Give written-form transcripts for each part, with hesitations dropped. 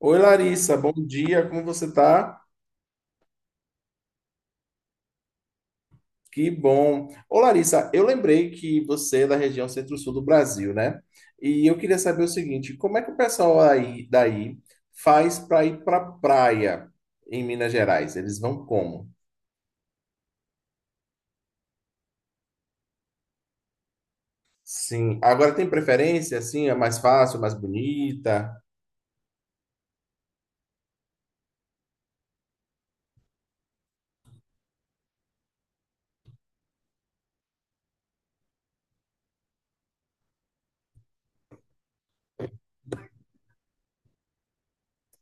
Oi, Larissa, bom dia, como você tá? Que bom. Ô, Larissa, eu lembrei que você é da região centro-sul do Brasil, né? E eu queria saber o seguinte, como é que o pessoal aí daí faz para ir para praia em Minas Gerais? Eles vão como? Sim. Agora tem preferência, assim, é mais fácil, mais bonita?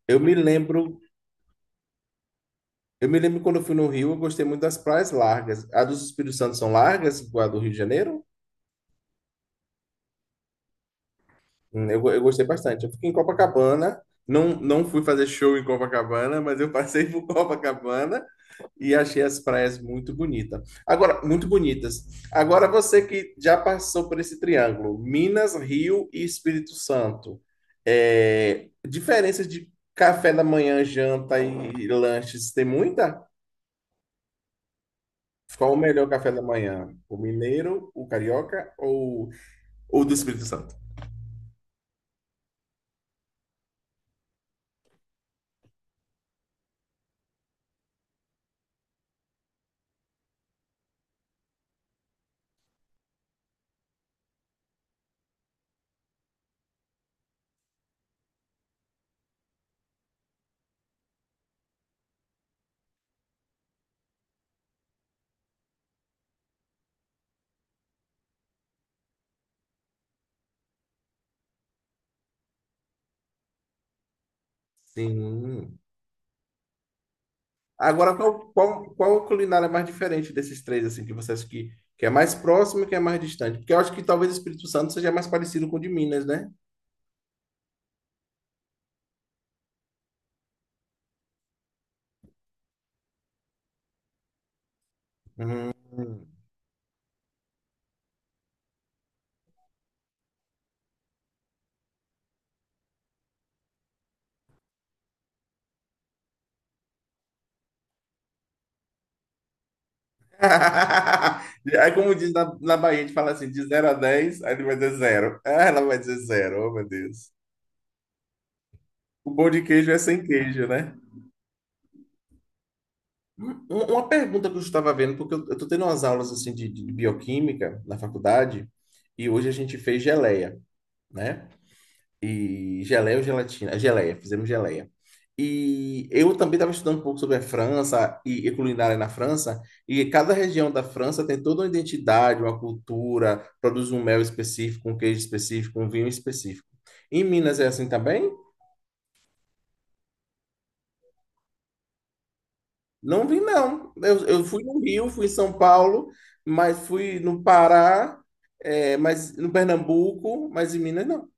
Eu me lembro, eu me lembro quando eu fui no Rio, eu gostei muito das praias largas. A dos Espíritos Santo são largas, igual a do Rio de Janeiro? Eu gostei bastante. Eu fiquei em Copacabana, não, não fui fazer show em Copacabana, mas eu passei por Copacabana e achei as praias muito bonitas. Agora, muito bonitas. Agora, você que já passou por esse triângulo, Minas, Rio e Espírito Santo, é, diferenças de café da manhã, janta e lanches, tem muita? Qual o melhor café da manhã? O mineiro, o carioca ou o do Espírito Santo? Sim. Agora, qual culinária é mais diferente desses três, assim, que você acha que é mais próximo e que é mais distante? Porque eu acho que talvez o Espírito Santo seja mais parecido com o de Minas, né? Hum. Aí, como diz na Bahia, a gente fala assim, de zero a 10 aí ele vai dizer zero. Ah, ela vai dizer zero, oh meu Deus. O bom de queijo é sem queijo, né? Uma pergunta que eu estava vendo, porque eu estou tendo umas aulas assim de bioquímica na faculdade, e hoje a gente fez geleia, né? E geleia ou gelatina? Geleia, fizemos geleia. E eu também estava estudando um pouco sobre a França e culinária na França, e cada região da França tem toda uma identidade, uma cultura, produz um mel específico, um queijo específico, um vinho específico. Em Minas é assim também? Não vi, não. Eu fui no Rio, fui em São Paulo, mas fui no Pará, é, mas no Pernambuco, mas em Minas não.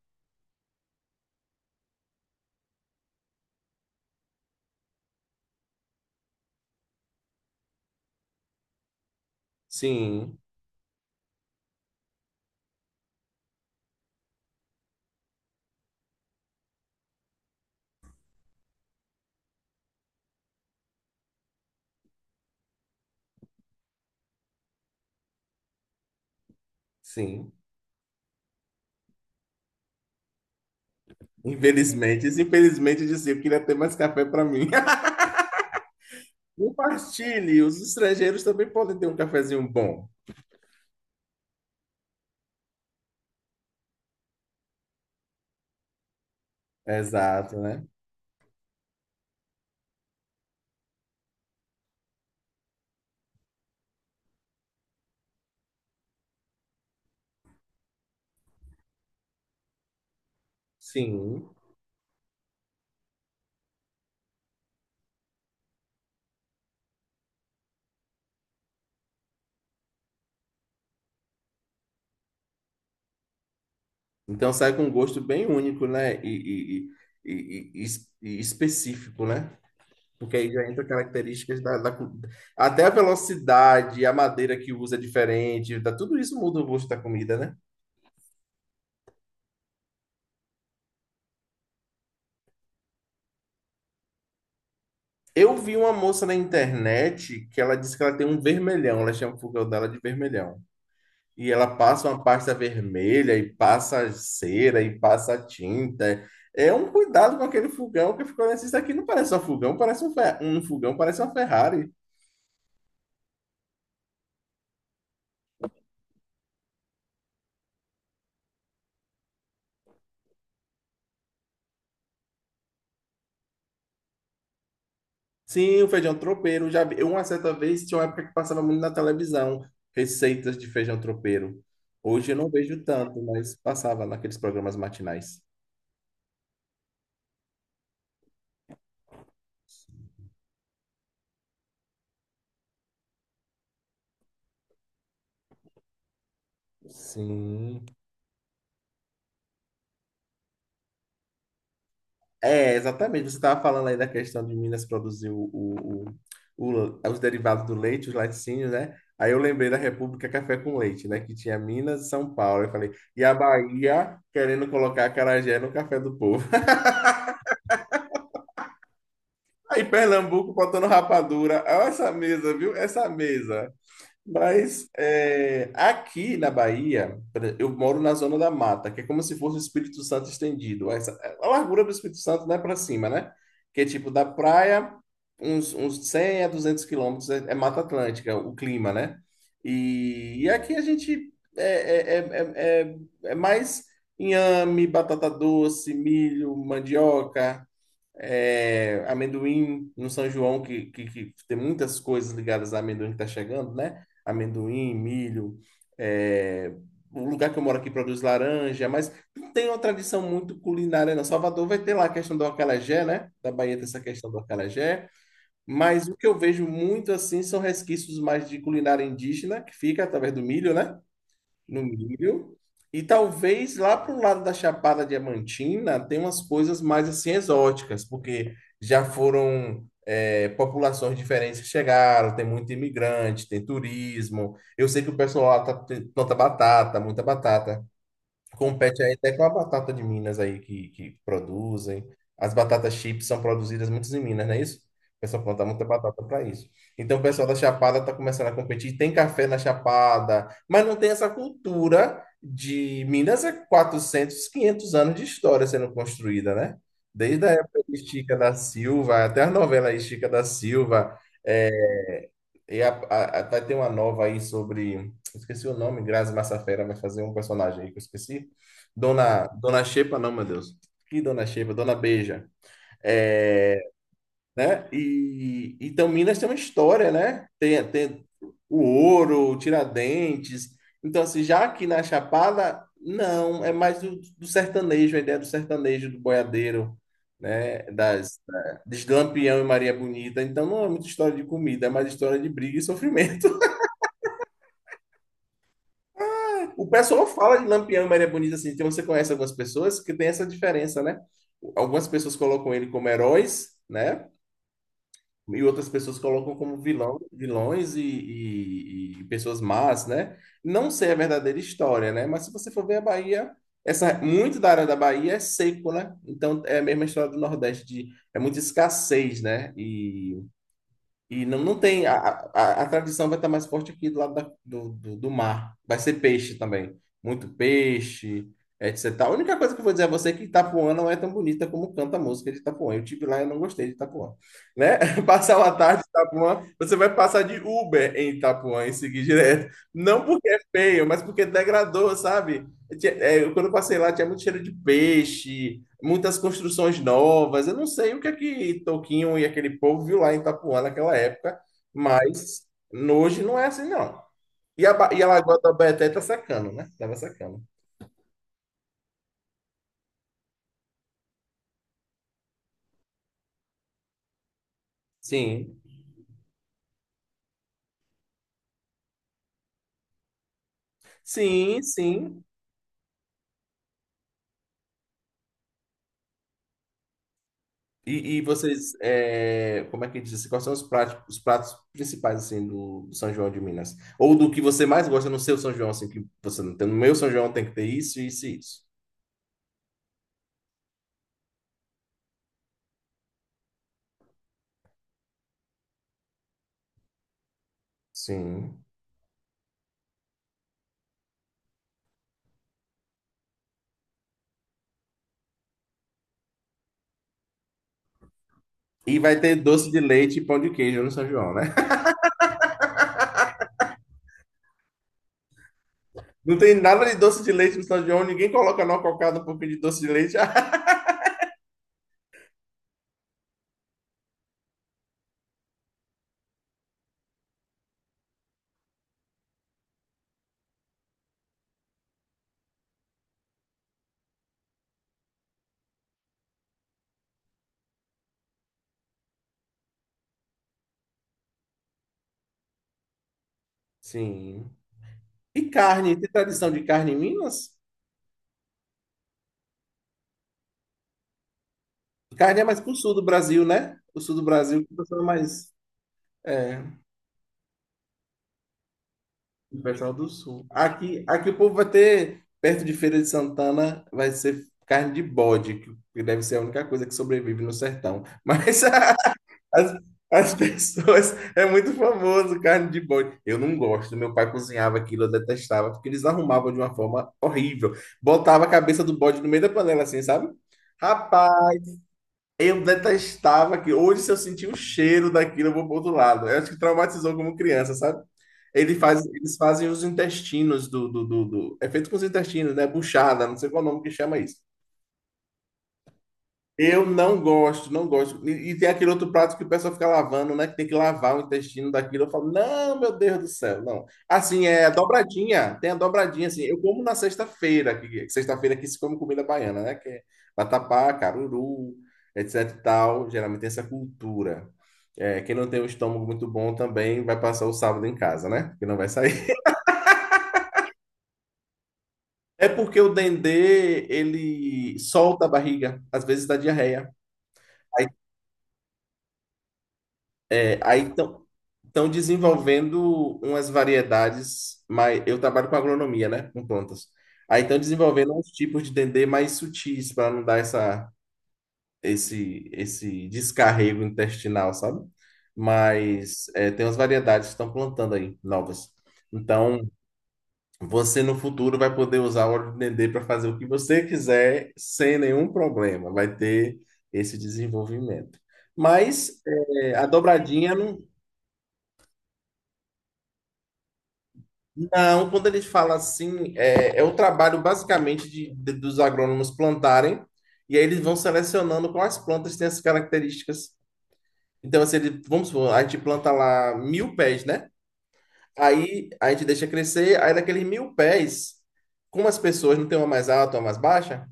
Sim, sim. Infelizmente, infelizmente, eu disse, eu queria ter mais café para mim. Compartilhe, os estrangeiros também podem ter um cafezinho bom. Exato, né? Sim. Então sai com um gosto bem único, né? E, e- e- e específico, né? Porque aí já entra características. Até a velocidade, a madeira que usa é diferente, tá, tudo isso muda o gosto da comida, né? Eu vi uma moça na internet que ela disse que ela tem um vermelhão, ela chama o fogão dela de vermelhão. E ela passa uma pasta vermelha, e passa cera, e passa tinta. É um cuidado com aquele fogão que ficou assim, isso aqui não parece um fogão, parece um fogão, parece uma Ferrari. Sim, o feijão tropeiro. Já vi. Uma certa vez tinha uma época que passava muito na televisão receitas de feijão tropeiro. Hoje eu não vejo tanto, mas passava naqueles programas matinais. Sim. É, exatamente. Você estava falando aí da questão de Minas produzir os derivados do leite, os laticínios, né? Aí eu lembrei da República Café com Leite, né? Que tinha Minas e São Paulo. Eu falei, e a Bahia querendo colocar acarajé no café do povo. Aí Pernambuco botando rapadura. Olha essa mesa, viu? Essa mesa. Mas é, aqui na Bahia, por exemplo, eu moro na zona da mata, que é como se fosse o Espírito Santo estendido. A largura do Espírito Santo não é para cima, né? Que é tipo da praia, uns 100 a 200 quilômetros é Mata Atlântica, o clima, né? E aqui a gente é, é, é, é mais inhame, batata doce, milho, mandioca, é, amendoim no São João, que tem muitas coisas ligadas a amendoim que tá chegando, né? Amendoim, milho, é, o lugar que eu moro aqui produz laranja, mas não tem uma tradição muito culinária, não. Salvador vai ter lá a questão do acarajé, né? Da Bahia tem essa questão do acarajé, mas o que eu vejo muito assim são resquícios mais de culinária indígena, que fica através do milho, né? No milho. E talvez lá para o lado da Chapada Diamantina tem umas coisas mais assim exóticas, porque já foram é, populações diferentes que chegaram, tem muito imigrante, tem turismo. Eu sei que o pessoal lá planta batata, muita batata. Compete aí até com a batata de Minas aí que produzem. As batatas chips são produzidas muitas em Minas, não é isso? O pessoal planta muita batata para isso. Então o pessoal da Chapada está começando a competir. Tem café na Chapada, mas não tem essa cultura de Minas é 400 500 anos de história sendo construída, né? Desde a época de Chica da Silva, até a novela aí, Chica da Silva, e vai ter uma nova aí sobre. Esqueci o nome, Grazi Massafera vai fazer um personagem aí que eu esqueci. Dona, Dona Xepa, não, meu Deus. Que Dona Xepa? Dona Beija. É, né? E então Minas tem uma história, né? Tem o ouro, o Tiradentes. Então, assim, já aqui na Chapada, não, é mais do sertanejo, a ideia do sertanejo, do boiadeiro, né? De Lampião e Maria Bonita. Então, não é muita história de comida, é mais história de briga e sofrimento. O pessoal fala de Lampião e Maria Bonita, assim, então você conhece algumas pessoas que tem essa diferença, né? Algumas pessoas colocam ele como heróis, né? E outras pessoas colocam como vilão, vilões e pessoas más, né? Não sei a verdadeira história, né? Mas se você for ver a Bahia, essa, muito da área da Bahia é seco, né? Então é a mesma história do Nordeste, de, é muita escassez, né? E não, não tem. A tradição vai estar mais forte aqui do lado do mar. Vai ser peixe também. Muito peixe, etc. A única coisa que eu vou dizer a você é que Itapuã não é tão bonita como canta a música de Itapuã. Eu tive lá e eu não gostei de Itapuã. Né? Passar uma tarde em Itapuã, você vai passar de Uber em Itapuã e seguir direto. Não porque é feio, mas porque degradou, sabe? Quando eu passei lá, tinha muito cheiro de peixe, muitas construções novas. Eu não sei o que é que Toquinho e aquele povo viu lá em Itapuã naquela época, mas hoje não é assim, não. E a Lagoa da Baeté tá secando, né? Tava secando. Sim, sim, sim. E vocês, é, como é que diz? Assim, quais são os pratos principais, assim, do São João de Minas? Ou do que você mais gosta no seu São João, assim, que você não tem. No meu São João tem que ter isso, isso e isso. Sim. E vai ter doce de leite e pão de queijo no São João, né? Não tem nada de doce de leite no São João, ninguém coloca numa cocada um pouquinho de doce de leite. Sim. E carne, tem tradição de carne em Minas? Carne é mais pro sul do Brasil, né? O sul do Brasil que o pessoal é mais. É, o pessoal do sul. Aqui o povo vai ter, perto de Feira de Santana, vai ser carne de bode, que deve ser a única coisa que sobrevive no sertão. Mas As, as pessoas. É muito famoso carne de boi. Eu não gosto. Meu pai cozinhava aquilo, eu detestava, porque eles arrumavam de uma forma horrível. Botava a cabeça do bode no meio da panela, assim, sabe? Rapaz, eu detestava aquilo. Hoje, se eu sentir o cheiro daquilo, eu vou pro outro lado. Eu acho que traumatizou como criança, sabe? Ele faz, eles fazem os intestinos. É feito com os intestinos, né? Buchada, não sei qual é o nome que chama isso. Eu não gosto, não gosto. E tem aquele outro prato que o pessoal fica lavando, né? Que tem que lavar o intestino daquilo. Eu falo, não, meu Deus do céu, não. Assim, é a dobradinha, tem a dobradinha, assim. Eu como na sexta-feira, que sexta-feira aqui se come comida baiana, né? Que é vatapá, caruru, etc e tal. Geralmente tem essa cultura. É, quem não tem um estômago muito bom também vai passar o sábado em casa, né? Porque não vai sair. É porque o dendê, ele solta a barriga, às vezes dá diarreia. É, aí estão desenvolvendo umas variedades, mas eu trabalho com agronomia, né? Com plantas. Aí estão desenvolvendo uns tipos de dendê mais sutis para não dar esse descarrego intestinal, sabe? Mas é, tem umas variedades que estão plantando aí, novas. Então, você no futuro vai poder usar o óleo de dendê para fazer o que você quiser sem nenhum problema. Vai ter esse desenvolvimento. Mas é, a dobradinha não. Não, quando eles falam assim, é o trabalho basicamente dos agrônomos plantarem, e aí eles vão selecionando quais plantas têm as características. Então, assim, vamos supor, a gente planta lá mil pés, né? Aí a gente deixa crescer, aí daqueles mil pés, como as pessoas não tem uma mais alta, uma mais baixa,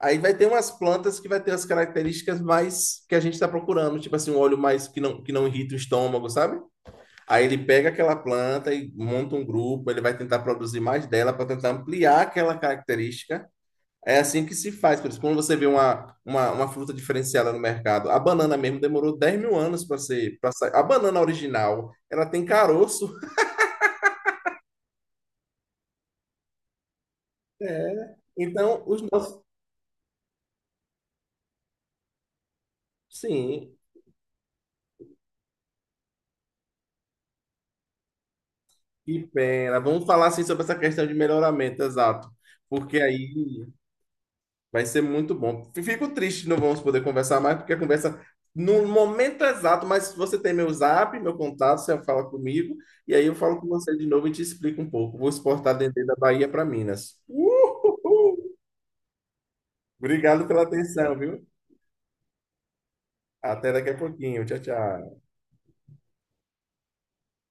aí vai ter umas plantas que vai ter as características mais que a gente está procurando, tipo assim, um óleo mais que não irrita o estômago, sabe? Aí ele pega aquela planta e monta um grupo, ele vai tentar produzir mais dela para tentar ampliar aquela característica. É assim que se faz. Por isso, quando você vê uma fruta diferenciada no mercado, a banana mesmo demorou 10.000 anos para ser, para sair. A banana original, ela tem caroço. É. Então, os nossos. Sim, que pena. Vamos falar assim sobre essa questão de melhoramento, exato. Porque aí vai ser muito bom. Fico triste, não vamos poder conversar mais, porque a conversa no momento exato, mas você tem meu zap, meu contato, você fala comigo, e aí eu falo com você de novo e te explico um pouco. Vou exportar dendê da Bahia para Minas. Uhul! Obrigado pela atenção, viu? Até daqui a pouquinho. Tchau, tchau.